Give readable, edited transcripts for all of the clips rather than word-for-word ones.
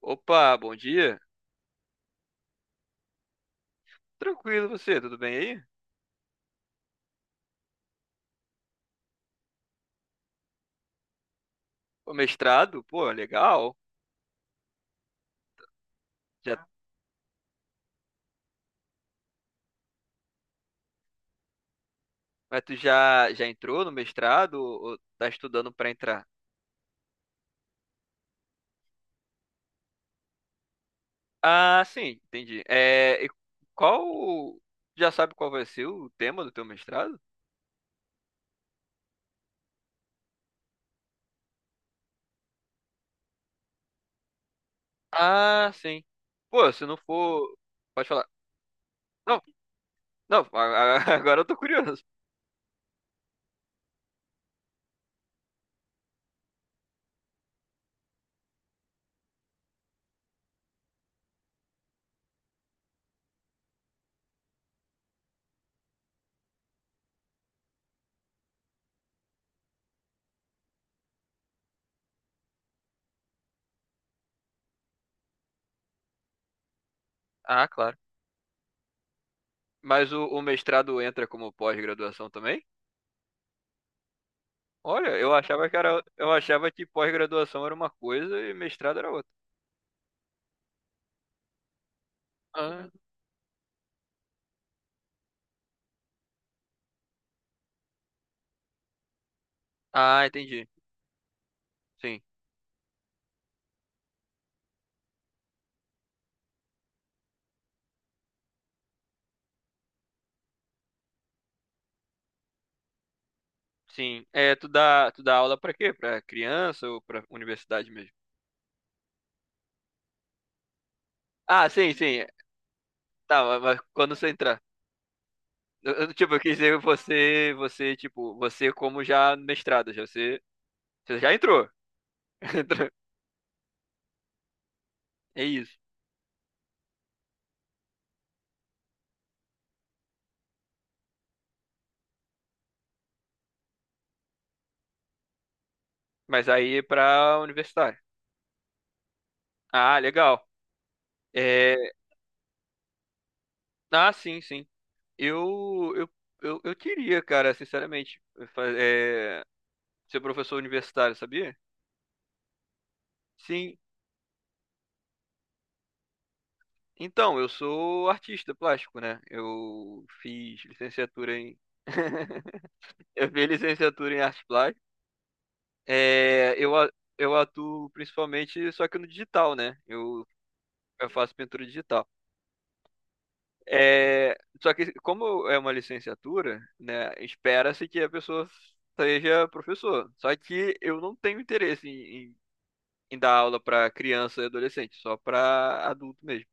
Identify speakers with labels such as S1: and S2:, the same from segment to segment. S1: Opa, bom dia. Tranquilo você, tudo bem aí? O mestrado, pô, legal. Já, mas tu já entrou no mestrado ou tá estudando pra entrar? Ah, sim, entendi. É, qual, já sabe qual vai ser o tema do teu mestrado? Ah, sim. Pô, se não for, pode falar. Não, não, agora eu tô curioso. Ah, claro. Mas o mestrado entra como pós-graduação também? Olha, eu achava que pós-graduação era uma coisa e mestrado era outra. Ah, ah, entendi. Sim, sim. É, tu dá aula pra quê? Pra criança ou pra universidade mesmo? Ah, sim, sim. Tá, mas quando você entrar. Eu, tipo, eu quis dizer você, tipo, você como já mestrado, já você, você já entrou. Entrou. É isso. Mas aí é pra universitário. Ah, legal. É, ah, sim, sim. Eu, eu, eu queria, cara, sinceramente, fa- é, ser professor universitário, sabia? Sim. Então, eu sou artista plástico, né? Eu fiz licenciatura em. Eu fiz licenciatura em arte plástica. É, eu, a- eu atuo principalmente só que no digital, né? Eu faço pintura digital. É, só que como é uma licenciatura, né? Espera-se que a pessoa seja professor. Só que eu não tenho interesse em dar aula para criança e adolescente, só para adulto mesmo.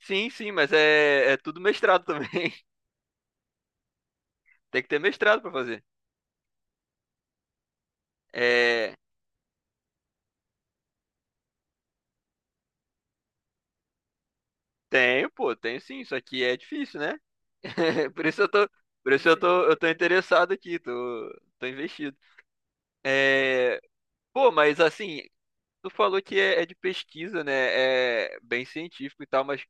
S1: Sim, sim, mas é, é tudo mestrado também. Tem que ter mestrado para fazer. É, tenho, pô, tenho sim, isso aqui é difícil, né? Por isso eu tô, por isso eu tô interessado aqui, tô, tô investido. É, pô, mas assim, tu falou que é, é de pesquisa, né? É bem científico e tal, mas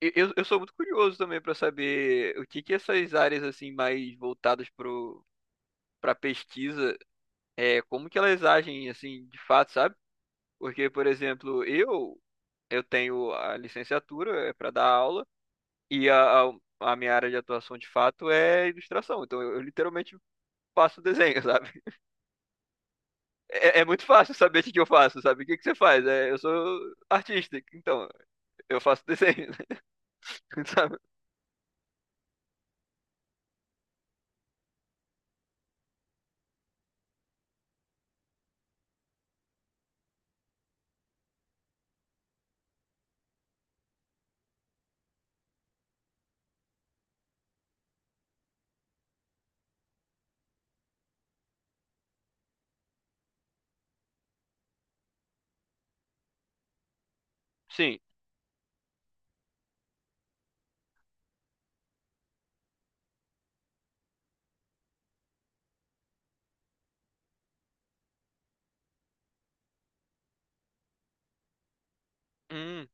S1: eu sou muito curioso também pra saber o que que essas áreas assim mais voltadas pro para pesquisa, é, como que elas agem assim, de fato, sabe? Porque, por exemplo, eu tenho a licenciatura, é para dar aula. E a minha área de atuação de fato é ilustração. Então eu literalmente faço desenho, sabe? É, é muito fácil saber o que que eu faço, sabe? O que que você faz? É, eu sou artista, então eu faço desenho, sabe? Sim. Hum,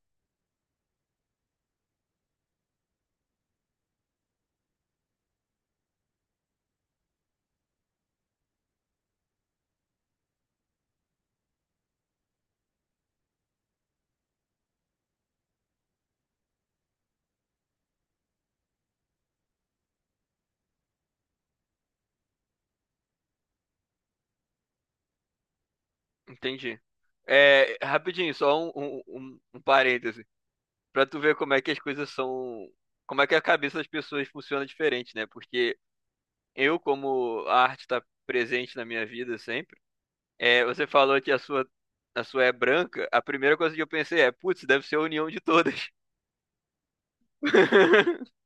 S1: entendi. É, rapidinho, só um parêntese. Pra tu ver como é que as coisas são. Como é que a cabeça das pessoas funciona diferente, né? Porque eu, como a arte tá presente na minha vida sempre. É, você falou que a sua é branca. A primeira coisa que eu pensei é, putz, deve ser a união de todas.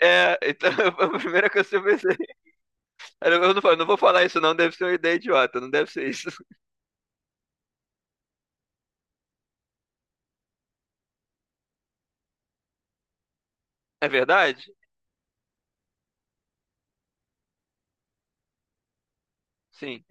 S1: É, então a primeira coisa que eu pensei. Eu não, fa- não vou falar isso, não, deve ser uma ideia idiota, não deve ser isso. É verdade? Sim,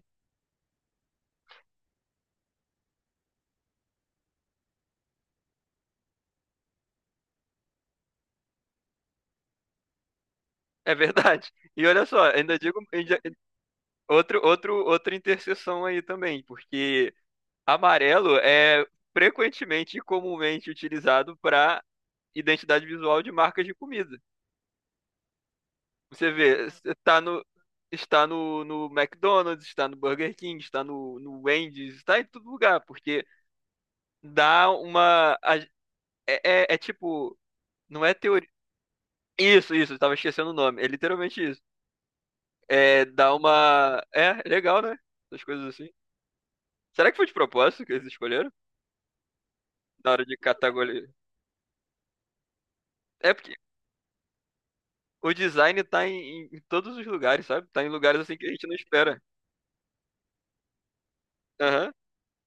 S1: é verdade. E olha só, outra interseção aí também, porque amarelo é frequentemente e comumente utilizado para identidade visual de marcas de comida. Você vê, no, está no McDonald's, está no Burger King, está no Wendy's, está em todo lugar, porque dá uma. a- é tipo, não é teoria. Isso, eu tava esquecendo o nome. É literalmente isso. É, dá uma. É, legal, né? Essas coisas assim. Será que foi de propósito que eles escolheram? Na hora de categorizar. É porque o design tá em todos os lugares, sabe? Tá em lugares assim que a gente não espera. Aham.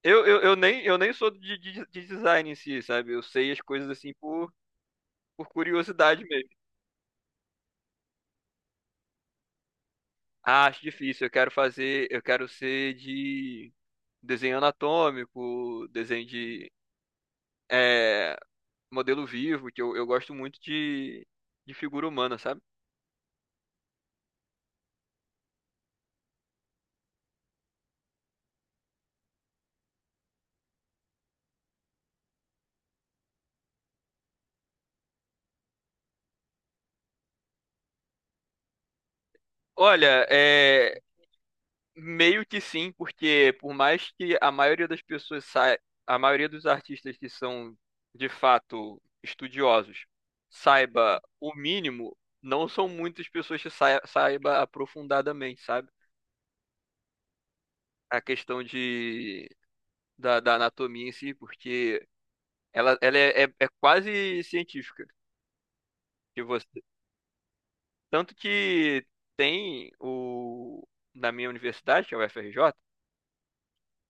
S1: Eu nem sou de design em si, sabe? Eu sei as coisas assim por curiosidade mesmo. Ah, acho difícil. Eu quero fazer. Eu quero ser de desenho anatômico, é, modelo vivo, que eu gosto muito de figura humana, sabe? Olha, é, Meio que sim, porque por mais que a maioria das pessoas saia, a maioria dos artistas que são de fato estudiosos saiba o mínimo, não são muitas pessoas que saiba aprofundadamente, sabe? A questão de da anatomia em si, porque ela é quase científica. Que você, tanto que tem o na minha universidade, que é o U F R J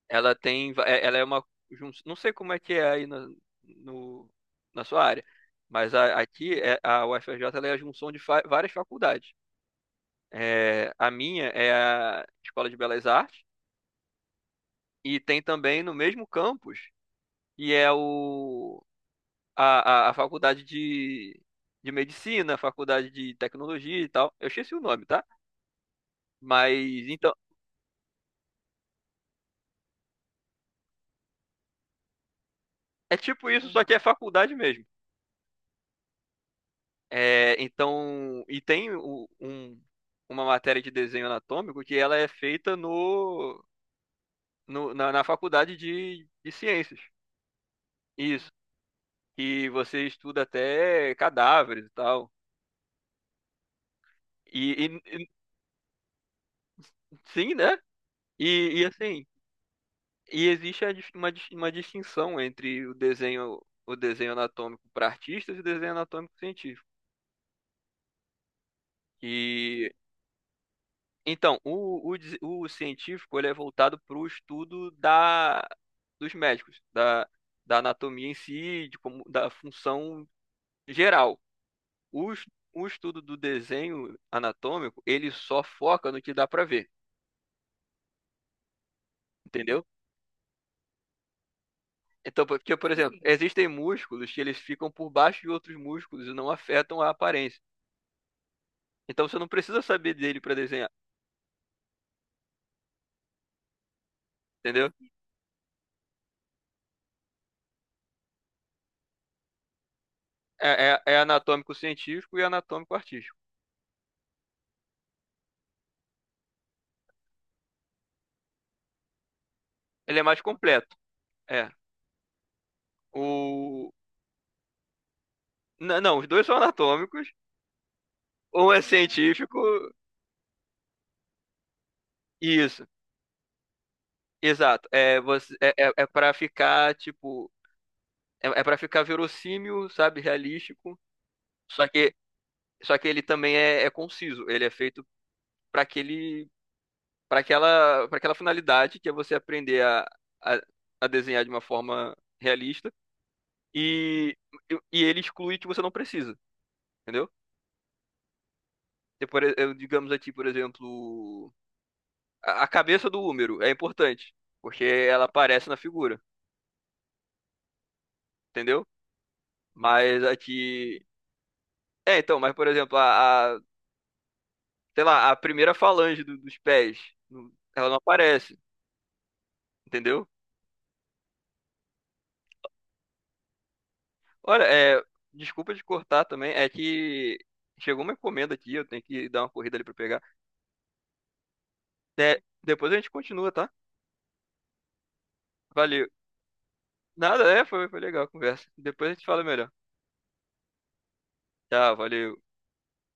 S1: Ela é uma, não sei como é que é aí na, no, na sua área, mas aqui é, a UFRJ ela é a junção de várias faculdades. É, a minha é a Escola de Belas Artes e tem também no mesmo campus que é a faculdade de medicina, a faculdade de tecnologia e tal. Eu esqueci o nome, tá? Mas então é tipo isso, só que é faculdade mesmo. É, então, e tem uma matéria de desenho anatômico que ela é feita na faculdade de ciências. Isso. E você estuda até cadáveres e tal. E, e- e- sim, né? E, assim, e existe a uma distinção entre o desenho anatômico para artistas e o desenho anatômico científico. Então, o científico ele é voltado para o estudo dos médicos, da anatomia em si, de como, da função geral. O, es- o estudo do desenho anatômico, ele só foca no que dá para ver, entendeu? Então, porque, por exemplo, Entendi. Existem músculos que eles ficam por baixo de outros músculos e não afetam a aparência. Então, você não precisa saber dele para desenhar, entendeu? É, é, é anatômico científico e anatômico artístico. Ele é mais completo. É. o não, os dois são anatômicos. Um é científico. Isso, exato. É para ficar, tipo. É, é para ficar verossímil, sabe? Realístico. Só que, só que ele também é, é conciso. Ele é feito para aquele, para aquela finalidade, que é você aprender a, a desenhar de uma forma realista. E, e ele exclui que você não precisa, entendeu? E eu, digamos aqui, por exemplo, a cabeça do Húmero é importante, porque ela aparece na figura. Entendeu? Mas aqui. É, então, mas por exemplo, sei lá, a primeira falange dos pés, ela não aparece, entendeu? Olha, é, desculpa de cortar também, é que chegou uma encomenda aqui, eu tenho que dar uma corrida ali pra pegar. É, depois a gente continua, tá? Valeu. Nada, é, foi, foi legal a conversa. Depois a gente fala melhor. Tchau, valeu.